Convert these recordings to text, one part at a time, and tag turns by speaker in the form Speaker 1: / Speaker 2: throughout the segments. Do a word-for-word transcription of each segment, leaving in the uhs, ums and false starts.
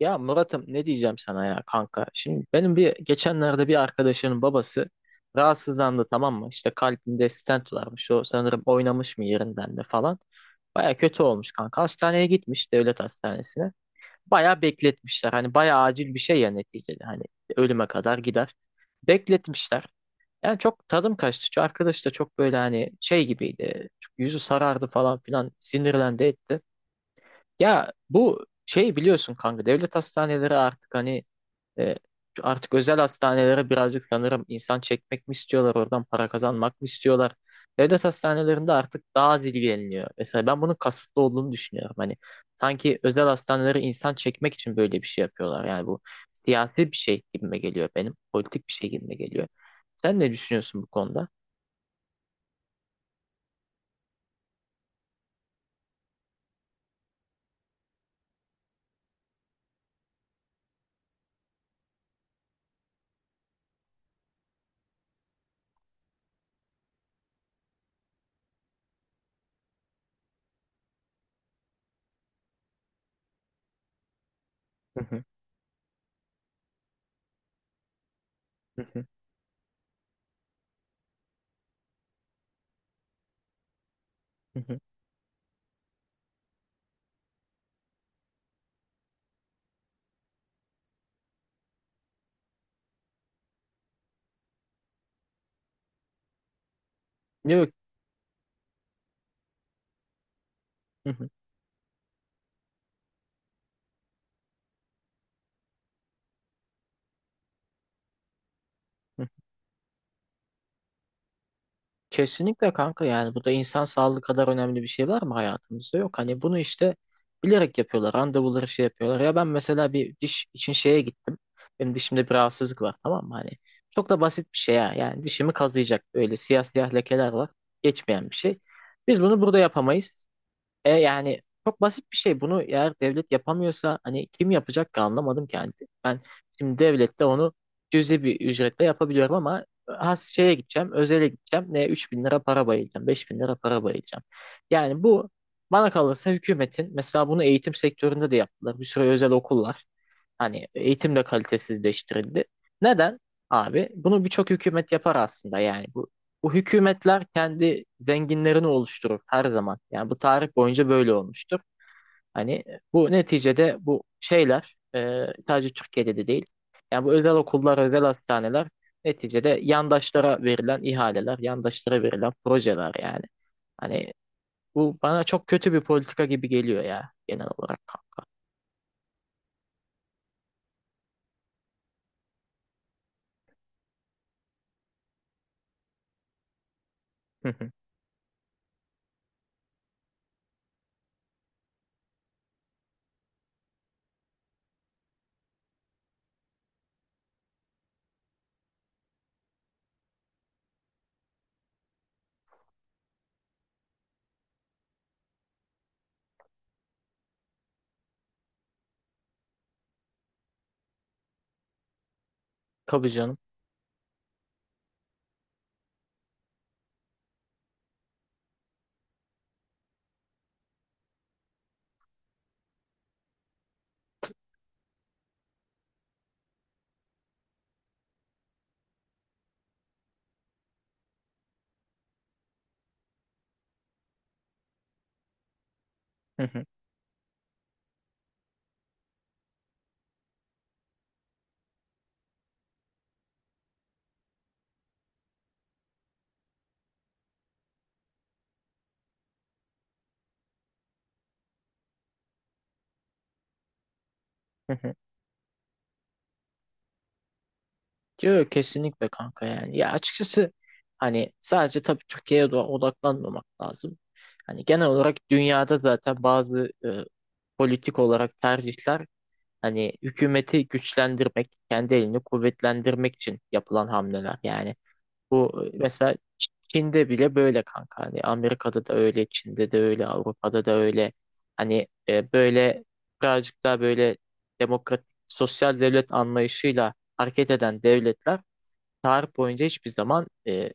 Speaker 1: Ya Murat'ım ne diyeceğim sana ya kanka. Şimdi benim bir geçenlerde bir arkadaşının babası rahatsızlandı, tamam mı? İşte kalbinde stent varmış. O sanırım oynamış mı yerinden de falan. Baya kötü olmuş kanka. Hastaneye gitmiş, devlet hastanesine. Baya bekletmişler. Hani baya acil bir şey ya neticede. Hani ölüme kadar gider. Bekletmişler. Yani çok tadım kaçtı. Şu arkadaş da çok böyle hani şey gibiydi. Çok yüzü sarardı falan filan. Sinirlendi etti. Ya bu şey biliyorsun kanka, devlet hastaneleri artık hani e, artık özel hastanelere birazcık sanırım insan çekmek mi istiyorlar, oradan para kazanmak mı istiyorlar. Devlet hastanelerinde artık daha az ilgileniliyor. Mesela ben bunun kasıtlı olduğunu düşünüyorum. Hani sanki özel hastaneleri insan çekmek için böyle bir şey yapıyorlar. Yani bu siyasi bir şey gibime geliyor benim. Politik bir şey gibime geliyor. Sen ne düşünüyorsun bu konuda? Hı hı, hı hı, hı hı. Yok. Hı hı. Kesinlikle kanka, yani bu da, insan sağlığı kadar önemli bir şey var mı hayatımızda? Yok, hani bunu işte bilerek yapıyorlar. Randevuları şey yapıyorlar. Ya ben mesela bir diş için şeye gittim. Benim dişimde bir rahatsızlık var, tamam mı? Hani çok da basit bir şey ya. Yani dişimi kazıyacak, böyle siyah siyah lekeler var. Geçmeyen bir şey. Biz bunu burada yapamayız. E yani çok basit bir şey. Bunu eğer devlet yapamıyorsa hani kim yapacak ki, anlamadım kendi. Ben şimdi devlette onu cüzi bir ücretle yapabiliyorum, ama has şeye gideceğim, özele gideceğim. Ne üç bin lira para bayılacağım, beş bin lira para bayılacağım. Yani bu, bana kalırsa hükümetin, mesela bunu eğitim sektöründe de yaptılar. Bir sürü özel okul var. Hani eğitim de kalitesizleştirildi. Neden? Abi bunu birçok hükümet yapar aslında yani. Bu, bu hükümetler kendi zenginlerini oluşturur her zaman. Yani bu tarih boyunca böyle olmuştur. Hani bu neticede bu şeyler e, sadece Türkiye'de de değil. Yani bu özel okullar, özel hastaneler neticede yandaşlara verilen ihaleler, yandaşlara verilen projeler yani. Hani bu bana çok kötü bir politika gibi geliyor ya, genel olarak kanka. Hı hı. Tabii canım. Hı hı. Diyor kesinlikle kanka yani. Ya açıkçası hani sadece tabii Türkiye'ye de odaklanmamak lazım. Hani genel olarak dünyada zaten bazı e, politik olarak tercihler, hani hükümeti güçlendirmek, kendi elini kuvvetlendirmek için yapılan hamleler. Yani bu e, mesela Ç- Çin'de bile böyle kanka. Hani Amerika'da da öyle, Çin'de de öyle, Avrupa'da da öyle. Hani e, böyle birazcık daha böyle demokratik sosyal devlet anlayışıyla hareket eden devletler tarih boyunca hiçbir zaman e,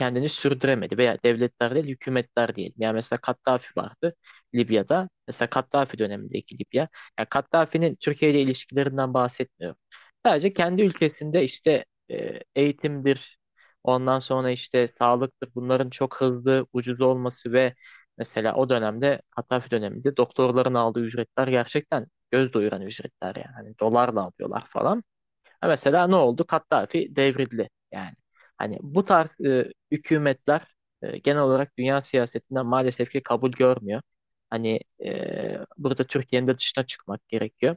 Speaker 1: kendini sürdüremedi, veya devletler değil hükümetler diyelim. Yani mesela Kaddafi vardı Libya'da. Mesela Kaddafi dönemindeki Libya. Yani Kaddafi'nin Türkiye ile ilişkilerinden bahsetmiyorum. Sadece kendi ülkesinde işte e, eğitimdir, ondan sonra işte sağlıktır. Bunların çok hızlı, ucuz olması ve mesela o dönemde, Kaddafi döneminde doktorların aldığı ücretler gerçekten göz doyuran ücretler yani. Hani dolarla alıyorlar falan. Ha, mesela ne oldu? Kaddafi devrildi. Yani hani bu tarz e, hükümetler e, genel olarak dünya siyasetinden maalesef ki kabul görmüyor. Hani e, burada Türkiye'nin de dışına çıkmak gerekiyor.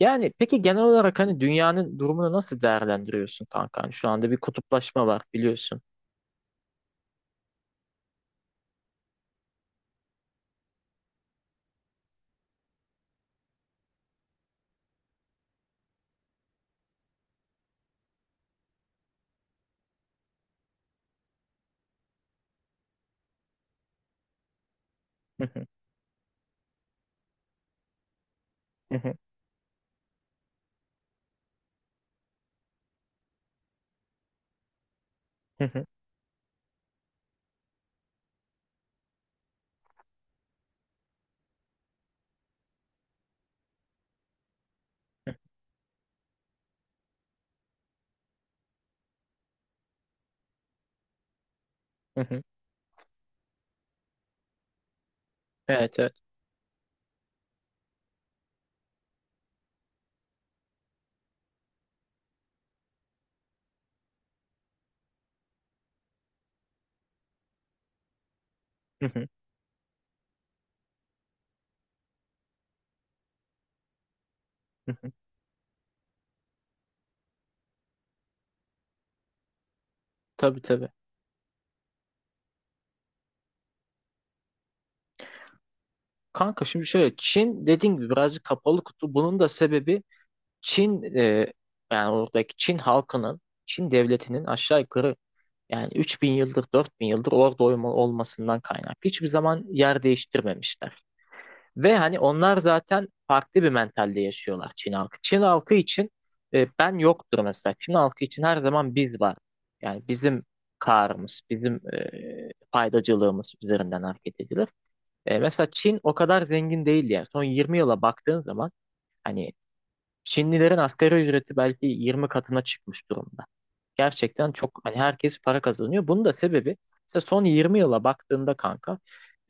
Speaker 1: Yani peki, genel olarak hani dünyanın durumunu nasıl değerlendiriyorsun kanka? Hani şu anda bir kutuplaşma var biliyorsun. Hı hı, hı hı, hı hı, hı hı. Evet, evet. Hı hı, hı hı. Tabii, tabii. Kanka şimdi şöyle, Çin dediğim gibi birazcık kapalı kutu. Bunun da sebebi Çin e, yani oradaki Çin halkının, Çin devletinin aşağı yukarı yani üç bin yıldır dört bin yıldır orada olma- olmasından kaynaklı. Hiçbir zaman yer değiştirmemişler. Ve hani onlar zaten farklı bir mentalde yaşıyorlar, Çin halkı. Çin halkı için e, ben yoktur mesela. Çin halkı için her zaman biz var. Yani bizim karımız, bizim e, faydacılığımız üzerinden hareket edilir. E, mesela Çin o kadar zengin değil yani. Son yirmi yıla baktığın zaman, hani Çinlilerin asgari ücreti belki yirmi katına çıkmış durumda. Gerçekten çok, hani herkes para kazanıyor. Bunun da sebebi işte son yirmi yıla baktığında kanka,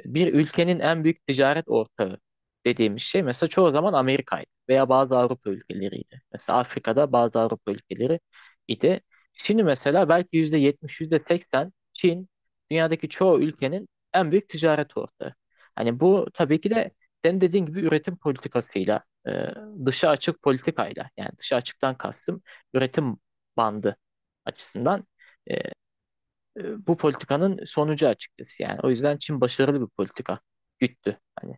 Speaker 1: bir ülkenin en büyük ticaret ortağı dediğimiz şey mesela çoğu zaman Amerika'ydı veya bazı Avrupa ülkeleriydi. Mesela Afrika'da bazı Avrupa ülkeleri idi. Şimdi mesela belki yüzde yetmiş, yüzde %80 Çin dünyadaki çoğu ülkenin en büyük ticaret ortağı. Hani bu tabii ki de senin dediğin gibi üretim politikasıyla, e, dışa açık politikayla, yani dışa açıktan kastım üretim bandı açısından e, e, bu politikanın sonucu açıkçası yani. O yüzden Çin başarılı bir politika güttü. Hani.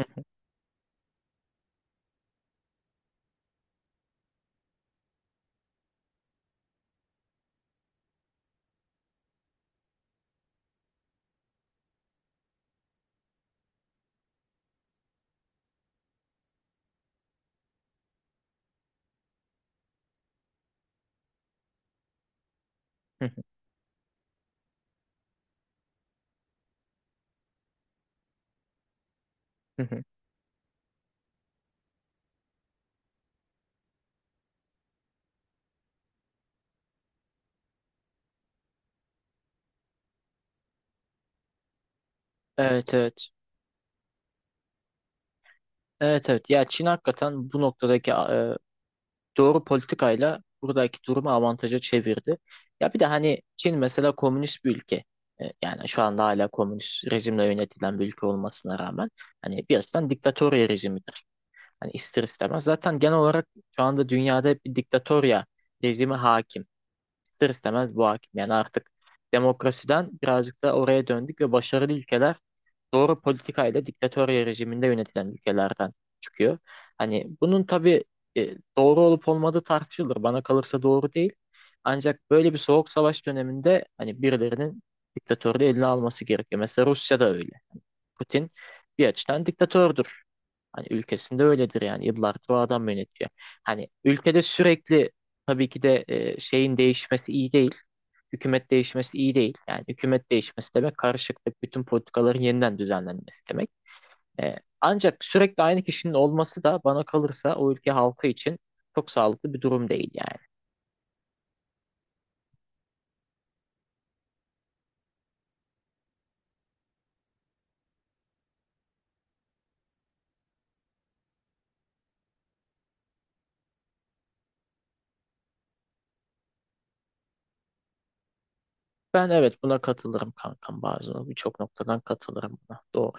Speaker 1: Hı hı, hı hı. Evet, evet. Evet, evet. Ya Çin hakikaten bu noktadaki e, doğru politikayla buradaki durumu avantaja çevirdi. Ya bir de hani Çin mesela komünist bir ülke. E, yani şu anda hala komünist rejimle yönetilen bir ülke olmasına rağmen hani bir açıdan diktatorya rejimidir. Hani ister istemez. Zaten genel olarak şu anda dünyada hep bir diktatorya rejimi hakim. İster istemez bu hakim. Yani artık demokrasiden birazcık da oraya döndük ve başarılı ülkeler doğru politikayla diktatörya rejiminde yönetilen ülkelerden çıkıyor. Hani bunun tabii e, doğru olup olmadığı tartışılır. Bana kalırsa doğru değil. Ancak böyle bir soğuk savaş döneminde hani birilerinin diktatörlüğü eline alması gerekiyor. Mesela Rusya da öyle. Putin bir açıdan diktatördür. Hani ülkesinde öyledir, yani yıllardır o adam yönetiyor. Hani ülkede sürekli, tabii ki de e, şeyin değişmesi iyi değil. Hükümet değişmesi iyi değil. Yani hükümet değişmesi demek karışıklık, bütün politikaların yeniden düzenlenmesi demek. E, ancak sürekli aynı kişinin olması da bana kalırsa o ülke halkı için çok sağlıklı bir durum değil yani. Ben evet buna katılırım kankam, bazı birçok noktadan katılırım buna. Doğru.